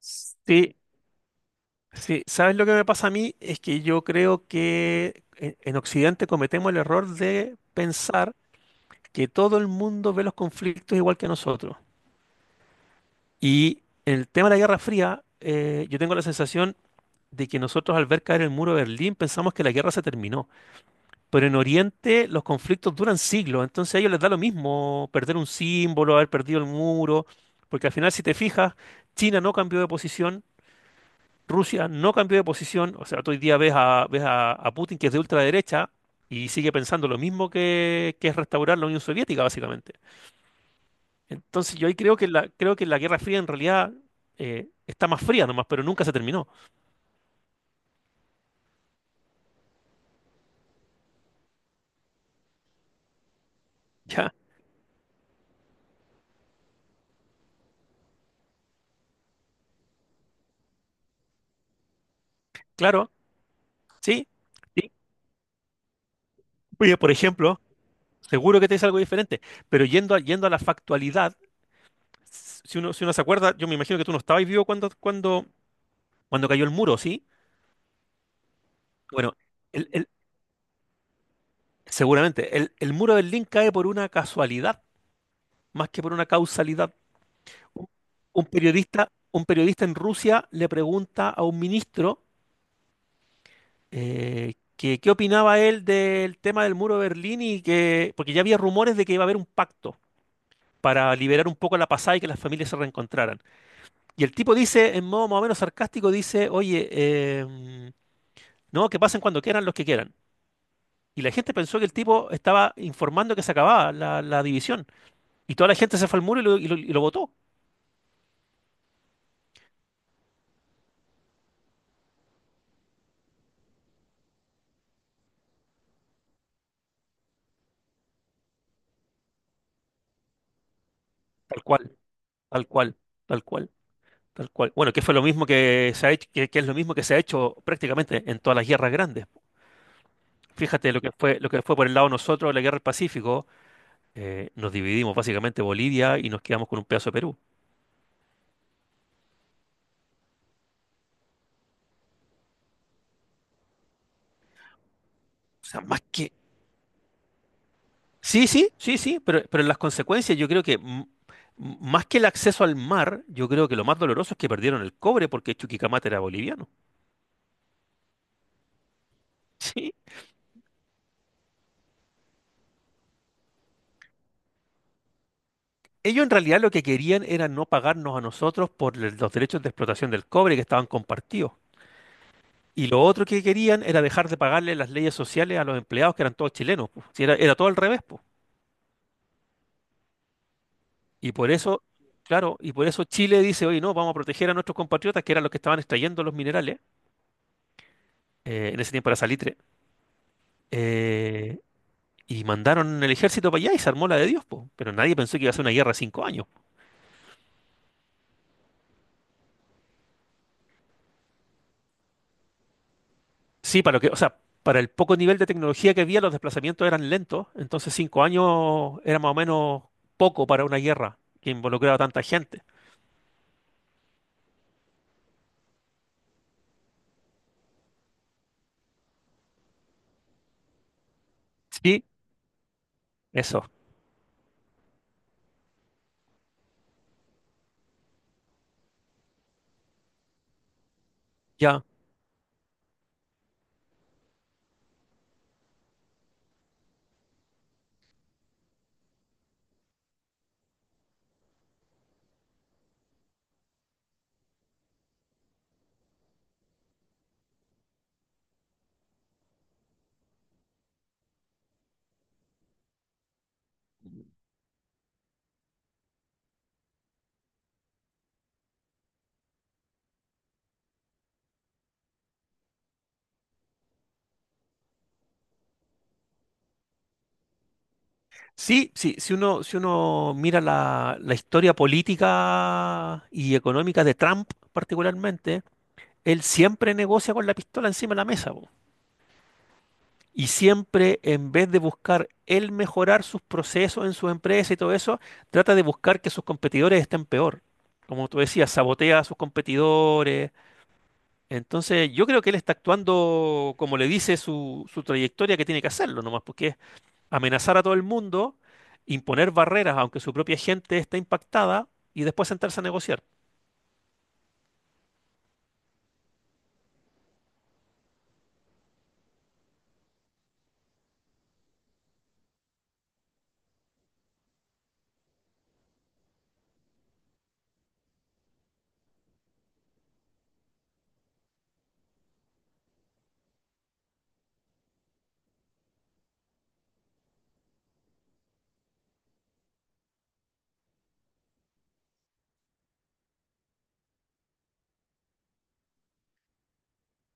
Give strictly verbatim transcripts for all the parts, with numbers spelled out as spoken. Sí, sí. ¿Sabes lo que me pasa a mí? Es que yo creo que en, en Occidente cometemos el error de pensar que todo el mundo ve los conflictos igual que nosotros. Y en el tema de la Guerra Fría, eh, yo tengo la sensación de que nosotros al ver caer el muro de Berlín pensamos que la guerra se terminó. Pero en Oriente los conflictos duran siglos, entonces a ellos les da lo mismo perder un símbolo, haber perdido el muro, porque al final si te fijas, China no cambió de posición. Rusia no cambió de posición, o sea, tú hoy día ves a, ves a, a Putin, que es de ultraderecha y sigue pensando lo mismo que, que es restaurar la Unión Soviética, básicamente. Entonces yo ahí creo que la, creo que la Guerra Fría en realidad eh, está más fría nomás, pero nunca se terminó. Ya, claro, sí, sí. Oye, por ejemplo, seguro que te dice algo diferente, pero yendo a, yendo a la factualidad, si uno, si uno se acuerda, yo me imagino que tú no estabas vivo cuando, cuando, cuando cayó el muro, ¿sí? Bueno, el, el- seguramente, el, el muro del Berlín cae por una casualidad, más que por una causalidad. Un un periodista, un periodista en Rusia le pregunta a un ministro eh, que qué opinaba él del tema del muro de Berlín y que, porque ya había rumores de que iba a haber un pacto para liberar un poco la pasada y que las familias se reencontraran. Y el tipo dice, en modo más o menos sarcástico, dice, oye, eh, no, que pasen cuando quieran los que quieran. Y la gente pensó que el tipo estaba informando que se acababa la, la división. Y toda la gente se fue al muro y lo, y lo- y lo votó. Tal cual, tal cual, tal cual. Tal cual. Bueno, que fue lo mismo que se ha hecho, que, que es lo mismo que se ha hecho prácticamente en todas las guerras grandes. Fíjate lo que fue, lo que fue por el lado de nosotros la guerra del Pacífico, eh, nos dividimos básicamente Bolivia y nos quedamos con un pedazo de Perú. O sea, más que. Sí, sí, sí, sí, pero, pero en las consecuencias yo creo que m- m- más que el acceso al mar, yo creo que lo más doloroso es que perdieron el cobre porque Chuquicamata era boliviano. Sí. Ellos en realidad lo que querían era no pagarnos a nosotros por los derechos de explotación del cobre, que estaban compartidos. Y lo otro que querían era dejar de pagarle las leyes sociales a los empleados, que eran todos chilenos, po. Si era, era todo al revés, po. Y por eso, claro, y por eso Chile dice, oye, no, vamos a proteger a nuestros compatriotas, que eran los que estaban extrayendo los minerales, eh, en ese tiempo era salitre, eh, y mandaron el ejército para allá y se armó la de Dios, po. Pero nadie pensó que iba a ser una guerra de cinco años. Sí, para lo que, o sea, para el poco nivel de tecnología que había, los desplazamientos eran lentos, entonces cinco años era más o menos poco para una guerra que involucraba a tanta gente. Sí, eso. Ya. Sí, sí, si uno, si uno mira la, la historia política y económica de Trump particularmente, él siempre negocia con la pistola encima de la mesa, po. Y siempre, en vez de buscar él mejorar sus procesos en sus empresas y todo eso, trata de buscar que sus competidores estén peor. Como tú decías, sabotea a sus competidores. Entonces, yo creo que él está actuando como le dice su, su trayectoria que tiene que hacerlo nomás, porque amenazar a todo el mundo, imponer barreras aunque su propia gente esté impactada y después sentarse a negociar.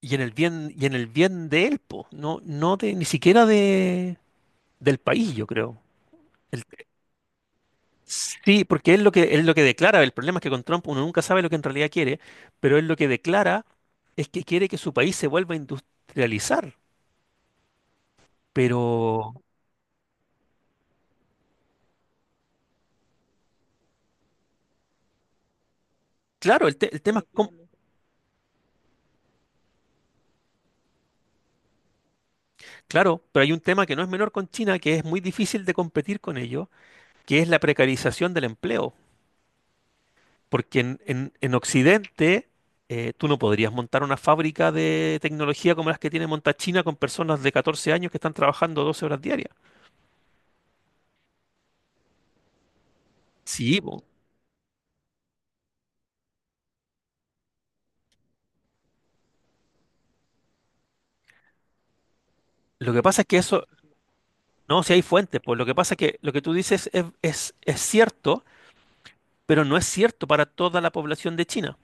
Y en el bien, y en el bien de él, po, no, no de, ni siquiera de, del país, yo creo. El- sí, porque es lo que, es lo que declara. El problema es que con Trump uno nunca sabe lo que en realidad quiere, pero él lo que declara es que quiere que su país se vuelva a industrializar. Pero, claro, el, te- el tema es cómo-, claro, pero hay un tema que no es menor con China, que es muy difícil de competir con ello, que es la precarización del empleo. Porque en, en- en Occidente eh, tú no podrías montar una fábrica de tecnología como las que tiene monta China con personas de catorce años que están trabajando doce horas diarias. Sí, po. Lo que pasa es que eso, no, si hay fuentes, pues lo que pasa es que lo que tú dices es, es- es cierto, pero no es cierto para toda la población de China.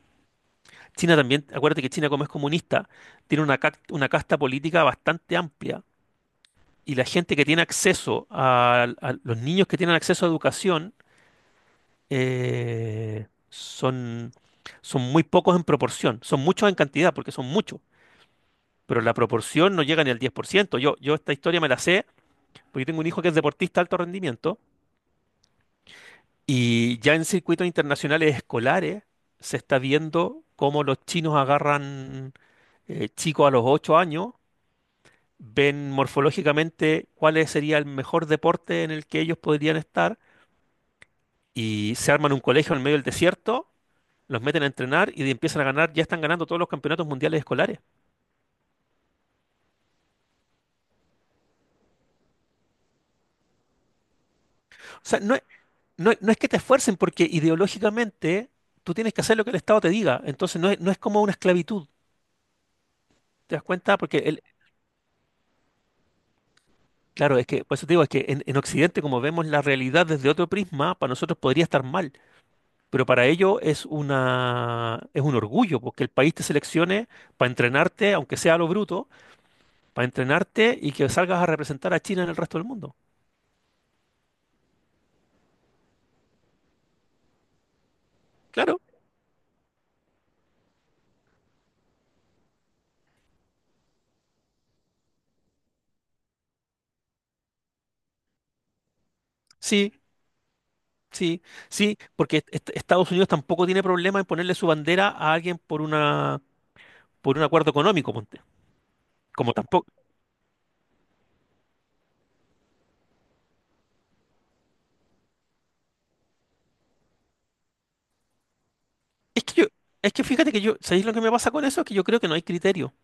China también, acuérdate que China, como es comunista, tiene una, cac- una casta política bastante amplia, y la gente que tiene acceso a a los niños que tienen acceso a educación, eh, son, son muy pocos en proporción, son muchos en cantidad porque son muchos, pero la proporción no llega ni al diez por ciento. Yo, yo esta historia me la sé porque tengo un hijo que es deportista de alto rendimiento, y ya en circuitos internacionales escolares se está viendo cómo los chinos agarran eh, chicos a los ocho años, ven morfológicamente cuál sería el mejor deporte en el que ellos podrían estar y se arman un colegio en medio del desierto. Los meten a entrenar y empiezan a ganar, ya están ganando todos los campeonatos mundiales escolares. O sea, no es, no, es no es que te esfuercen, porque ideológicamente tú tienes que hacer lo que el Estado te diga. Entonces no es, no es como una esclavitud, ¿te das cuenta? Porque el, claro, es que, por eso te digo, es que en, en Occidente, como vemos la realidad desde otro prisma, para nosotros podría estar mal. Pero para ellos es una, es un orgullo, porque el país te seleccione para entrenarte, aunque sea a lo bruto, para entrenarte y que salgas a representar a China en el resto del mundo. Claro, sí, sí, sí, porque est- Estados Unidos tampoco tiene problema en ponerle su bandera a alguien por una por un acuerdo económico, ponte. Como tampoco. Es que yo, es que fíjate que yo, ¿sabéis lo que me pasa con eso? Es que yo creo que no hay criterio.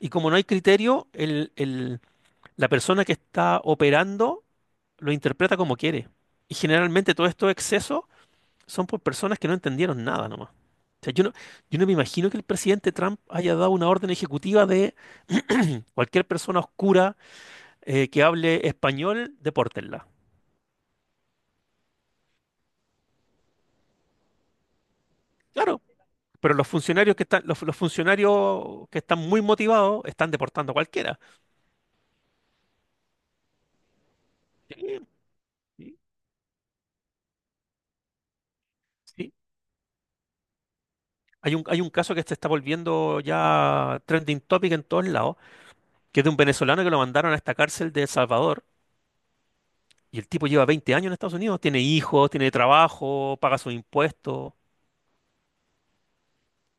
Y como no hay criterio, el, el- la persona que está operando lo interpreta como quiere. Y generalmente todos estos excesos son por personas que no entendieron nada nomás. O sea, yo no, yo no me imagino que el presidente Trump haya dado una orden ejecutiva de cualquier persona oscura eh, que hable español, depórtenla. Claro, pero los funcionarios que están, los, los funcionarios que están muy motivados están deportando a cualquiera. Sí, sí, sí. Hay un, hay un caso que se está volviendo ya trending topic en todos lados, que es de un venezolano que lo mandaron a esta cárcel de El Salvador. Y el tipo lleva veinte años en Estados Unidos, tiene hijos, tiene trabajo, paga sus impuestos.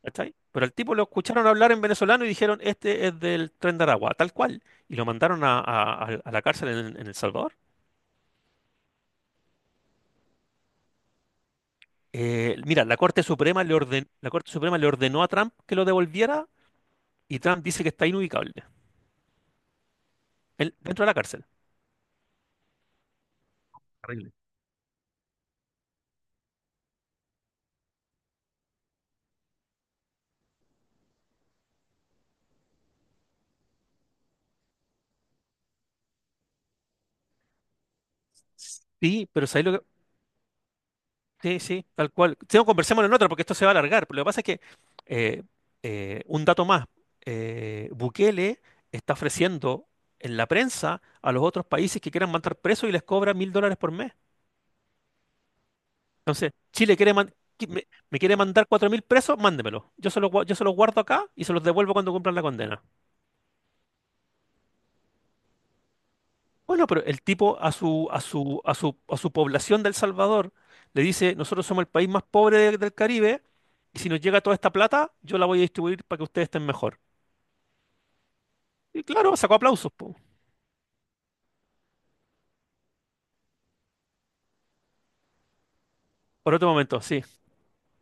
¿Cachai? Pero al tipo lo escucharon hablar en venezolano y dijeron, este es del Tren de Aragua, tal cual. Y lo mandaron a, a- a- a la cárcel en, en El Salvador. Eh, mira, la Corte Suprema le orden- la Corte Suprema le ordenó a Trump que lo devolviera, y Trump dice que está inubicable, él dentro de la cárcel. Terrible. Sí, pero ¿sabes lo que...? Sí, sí, tal cual. Tengo no, conversémoslo en otra porque esto se va a alargar. Pero lo que pasa es que, eh, eh, un dato más, eh, Bukele está ofreciendo en la prensa a los otros países que quieran mandar presos, y les cobra mil dólares por mes. Chile quiere man- qui- me, me quiere mandar cuatro mil presos, mándemelo. Yo se los, gua- yo se los guardo acá y se los devuelvo cuando cumplan la condena. Bueno, pero el tipo a su, a su, a su, a su población de El Salvador le dice, nosotros somos el país más pobre de- del Caribe, y si nos llega toda esta plata, yo la voy a distribuir para que ustedes estén mejor. Y claro, sacó aplausos, po. Por otro momento, sí.